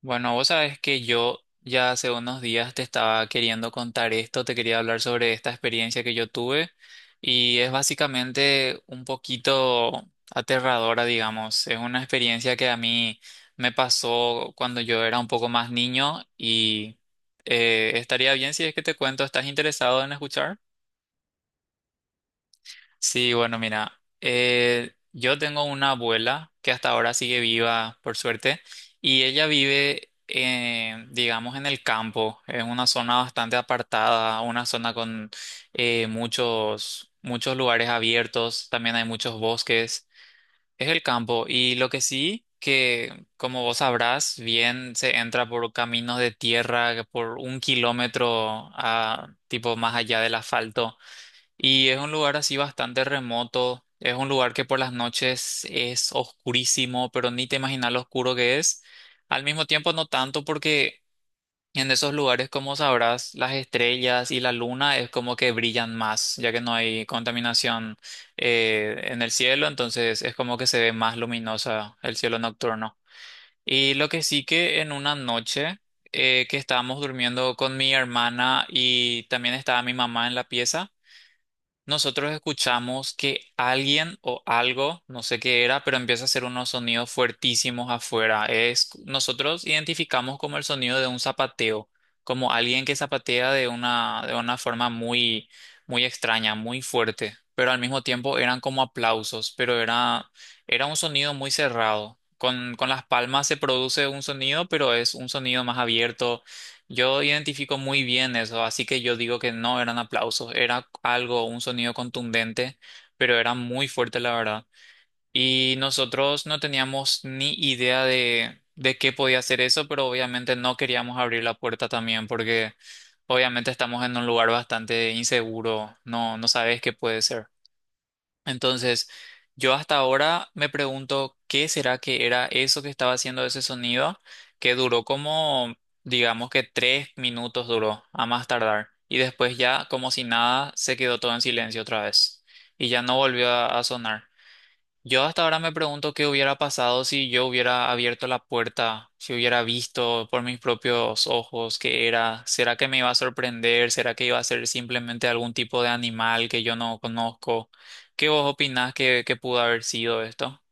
Bueno, vos sabés que yo ya hace unos días te estaba queriendo contar esto, te quería hablar sobre esta experiencia que yo tuve y es básicamente un poquito aterradora, digamos. Es una experiencia que a mí me pasó cuando yo era un poco más niño y estaría bien si es que te cuento, ¿estás interesado en escuchar? Sí, bueno, mira, yo tengo una abuela que hasta ahora sigue viva, por suerte, y ella vive, digamos, en el campo, en una zona bastante apartada, una zona con muchos lugares abiertos, también hay muchos bosques, es el campo, y lo que sí, que como vos sabrás, bien se entra por caminos de tierra, por 1 kilómetro, tipo más allá del asfalto. Y es un lugar así bastante remoto. Es un lugar que por las noches es oscurísimo, pero ni te imaginas lo oscuro que es. Al mismo tiempo, no tanto porque en esos lugares, como sabrás, las estrellas y la luna es como que brillan más, ya que no hay contaminación en el cielo, entonces es como que se ve más luminosa el cielo nocturno. Y lo que sí que en una noche que estábamos durmiendo con mi hermana y también estaba mi mamá en la pieza. Nosotros escuchamos que alguien o algo, no sé qué era, pero empieza a hacer unos sonidos fuertísimos afuera. Nosotros identificamos como el sonido de un zapateo, como alguien que zapatea de una forma muy, muy extraña, muy fuerte, pero al mismo tiempo eran como aplausos, pero era un sonido muy cerrado. Con las palmas se produce un sonido, pero es un sonido más abierto, yo identifico muy bien eso, así que yo digo que no eran aplausos, era algo, un sonido contundente, pero era muy fuerte, la verdad. Y nosotros no teníamos ni idea de qué podía ser eso, pero obviamente no queríamos abrir la puerta también, porque obviamente estamos en un lugar bastante inseguro, no, no sabes qué puede ser. Entonces, yo hasta ahora me pregunto qué será que era eso que estaba haciendo ese sonido, que duró como, digamos que 3 minutos duró, a más tardar. Y después ya, como si nada, se quedó todo en silencio otra vez. Y ya no volvió a sonar. Yo hasta ahora me pregunto qué hubiera pasado si yo hubiera abierto la puerta, si hubiera visto por mis propios ojos qué era. ¿Será que me iba a sorprender? ¿Será que iba a ser simplemente algún tipo de animal que yo no conozco? ¿Qué vos opinás que pudo haber sido esto?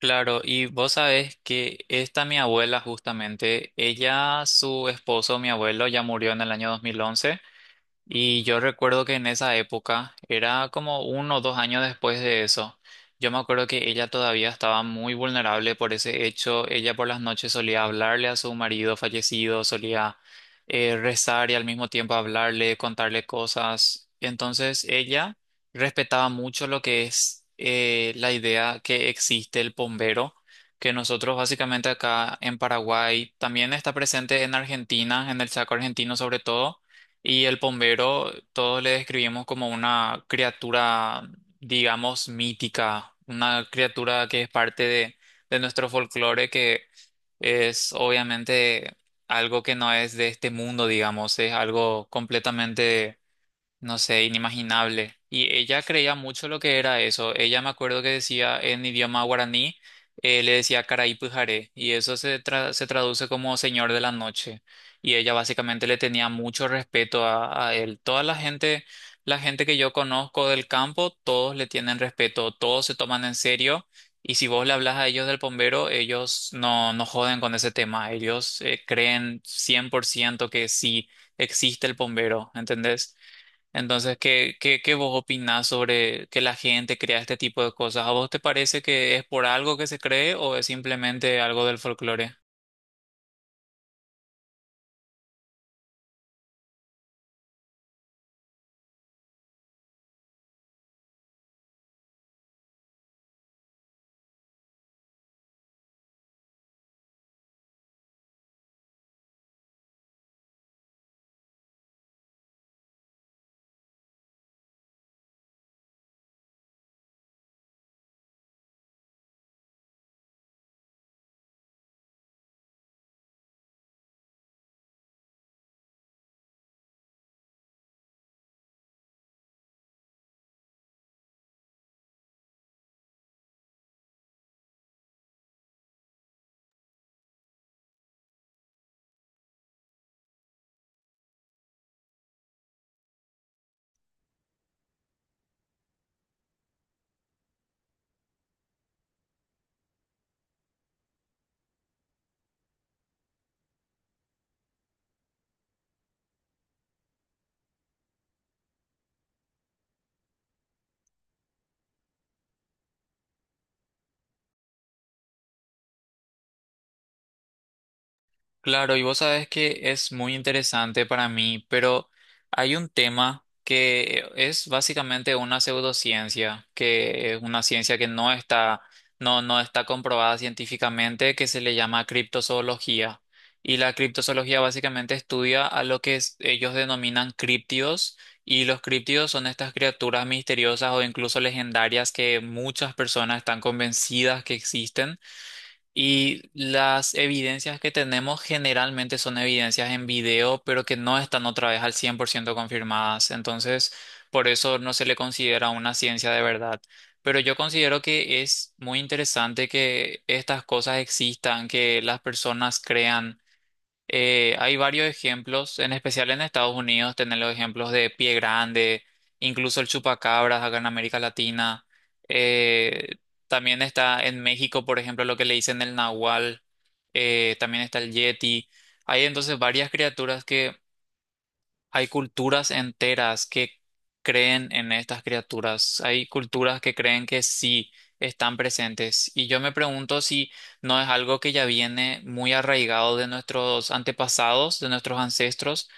Claro, y vos sabés que esta mi abuela justamente, ella, su esposo, mi abuelo, ya murió en el año 2011. Y yo recuerdo que en esa época, era como 1 o 2 años después de eso, yo me acuerdo que ella todavía estaba muy vulnerable por ese hecho. Ella por las noches solía hablarle a su marido fallecido, solía rezar y al mismo tiempo hablarle, contarle cosas. Entonces ella respetaba mucho lo que es la idea que existe el bombero, que nosotros básicamente acá en Paraguay, también está presente en Argentina, en el Chaco argentino sobre todo, y el bombero, todos le describimos como una criatura, digamos, mítica, una criatura que es parte de nuestro folclore, que es obviamente algo que no es de este mundo, digamos, es algo completamente, no sé, inimaginable. Y ella creía mucho lo que era eso. Ella me acuerdo que decía en idioma guaraní, le decía Caray Pujaré, y se traduce como Señor de la Noche. Y ella básicamente le tenía mucho respeto a él. Toda la gente que yo conozco del campo, todos le tienen respeto, todos se toman en serio. Y si vos le hablas a ellos del bombero, ellos no, no joden con ese tema. Ellos creen 100% que sí existe el bombero, ¿entendés? Entonces, ¿qué vos opinás sobre que la gente crea este tipo de cosas? ¿A vos te parece que es por algo que se cree o es simplemente algo del folclore? Claro, y vos sabes que es muy interesante para mí, pero hay un tema que es básicamente una pseudociencia, que es una ciencia que no, no está comprobada científicamente, que se le llama criptozoología. Y la criptozoología básicamente estudia a lo ellos denominan críptidos, y los críptidos son estas criaturas misteriosas o incluso legendarias que muchas personas están convencidas que existen, y las evidencias que tenemos generalmente son evidencias en video, pero que no están otra vez al 100% confirmadas. Entonces, por eso no se le considera una ciencia de verdad. Pero yo considero que es muy interesante que estas cosas existan, que las personas crean. Hay varios ejemplos, en especial en Estados Unidos, tener los ejemplos de Pie Grande, incluso el chupacabras acá en América Latina. Eh, También está en México, por ejemplo, lo que le dicen el nahual. También está el yeti. Hay entonces varias criaturas que hay culturas enteras que creen en estas criaturas. Hay culturas que creen que sí están presentes. Y yo me pregunto si no es algo que ya viene muy arraigado de nuestros antepasados, de nuestros ancestros.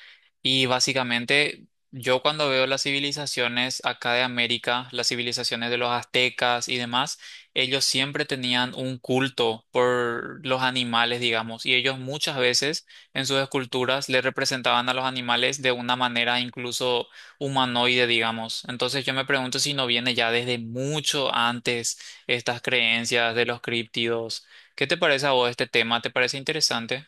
Y básicamente yo cuando veo las civilizaciones acá de América, las civilizaciones de los aztecas y demás, ellos siempre tenían un culto por los animales, digamos, y ellos muchas veces en sus esculturas le representaban a los animales de una manera incluso humanoide, digamos. Entonces yo me pregunto si no viene ya desde mucho antes estas creencias de los críptidos. ¿Qué te parece a vos este tema? ¿Te parece interesante?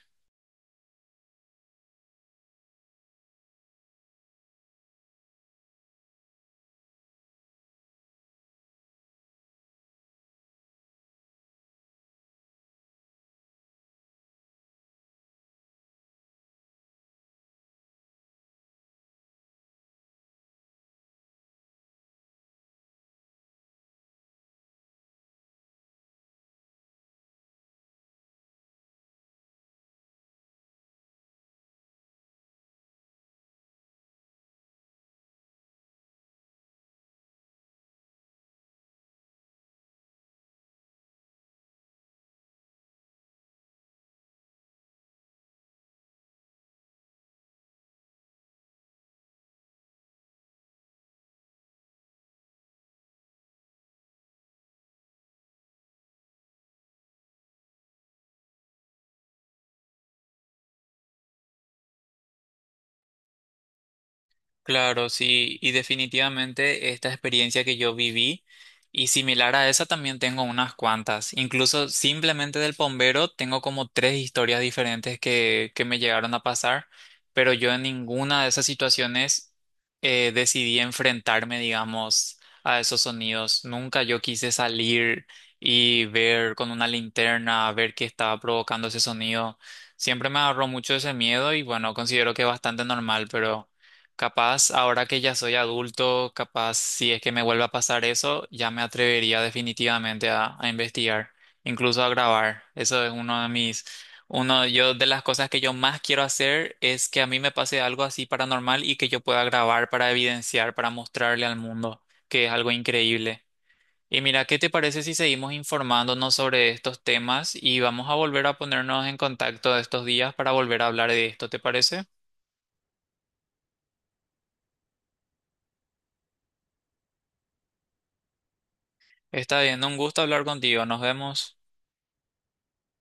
Claro, sí, y definitivamente esta experiencia que yo viví y similar a esa también tengo unas cuantas. Incluso simplemente del bombero tengo como tres historias diferentes que me llegaron a pasar, pero yo en ninguna de esas situaciones decidí enfrentarme, digamos, a esos sonidos. Nunca yo quise salir y ver con una linterna, a ver qué estaba provocando ese sonido. Siempre me agarró mucho ese miedo y bueno, considero que es bastante normal, pero... Capaz, ahora que ya soy adulto, capaz si es que me vuelve a pasar eso, ya me atrevería definitivamente a investigar, incluso a grabar. Eso es uno yo de las cosas que yo más quiero hacer es que a mí me pase algo así paranormal y que yo pueda grabar para evidenciar, para mostrarle al mundo, que es algo increíble. Y mira, ¿qué te parece si seguimos informándonos sobre estos temas y vamos a volver a ponernos en contacto estos días para volver a hablar de esto? ¿Te parece? Está bien, un gusto hablar contigo. Nos vemos.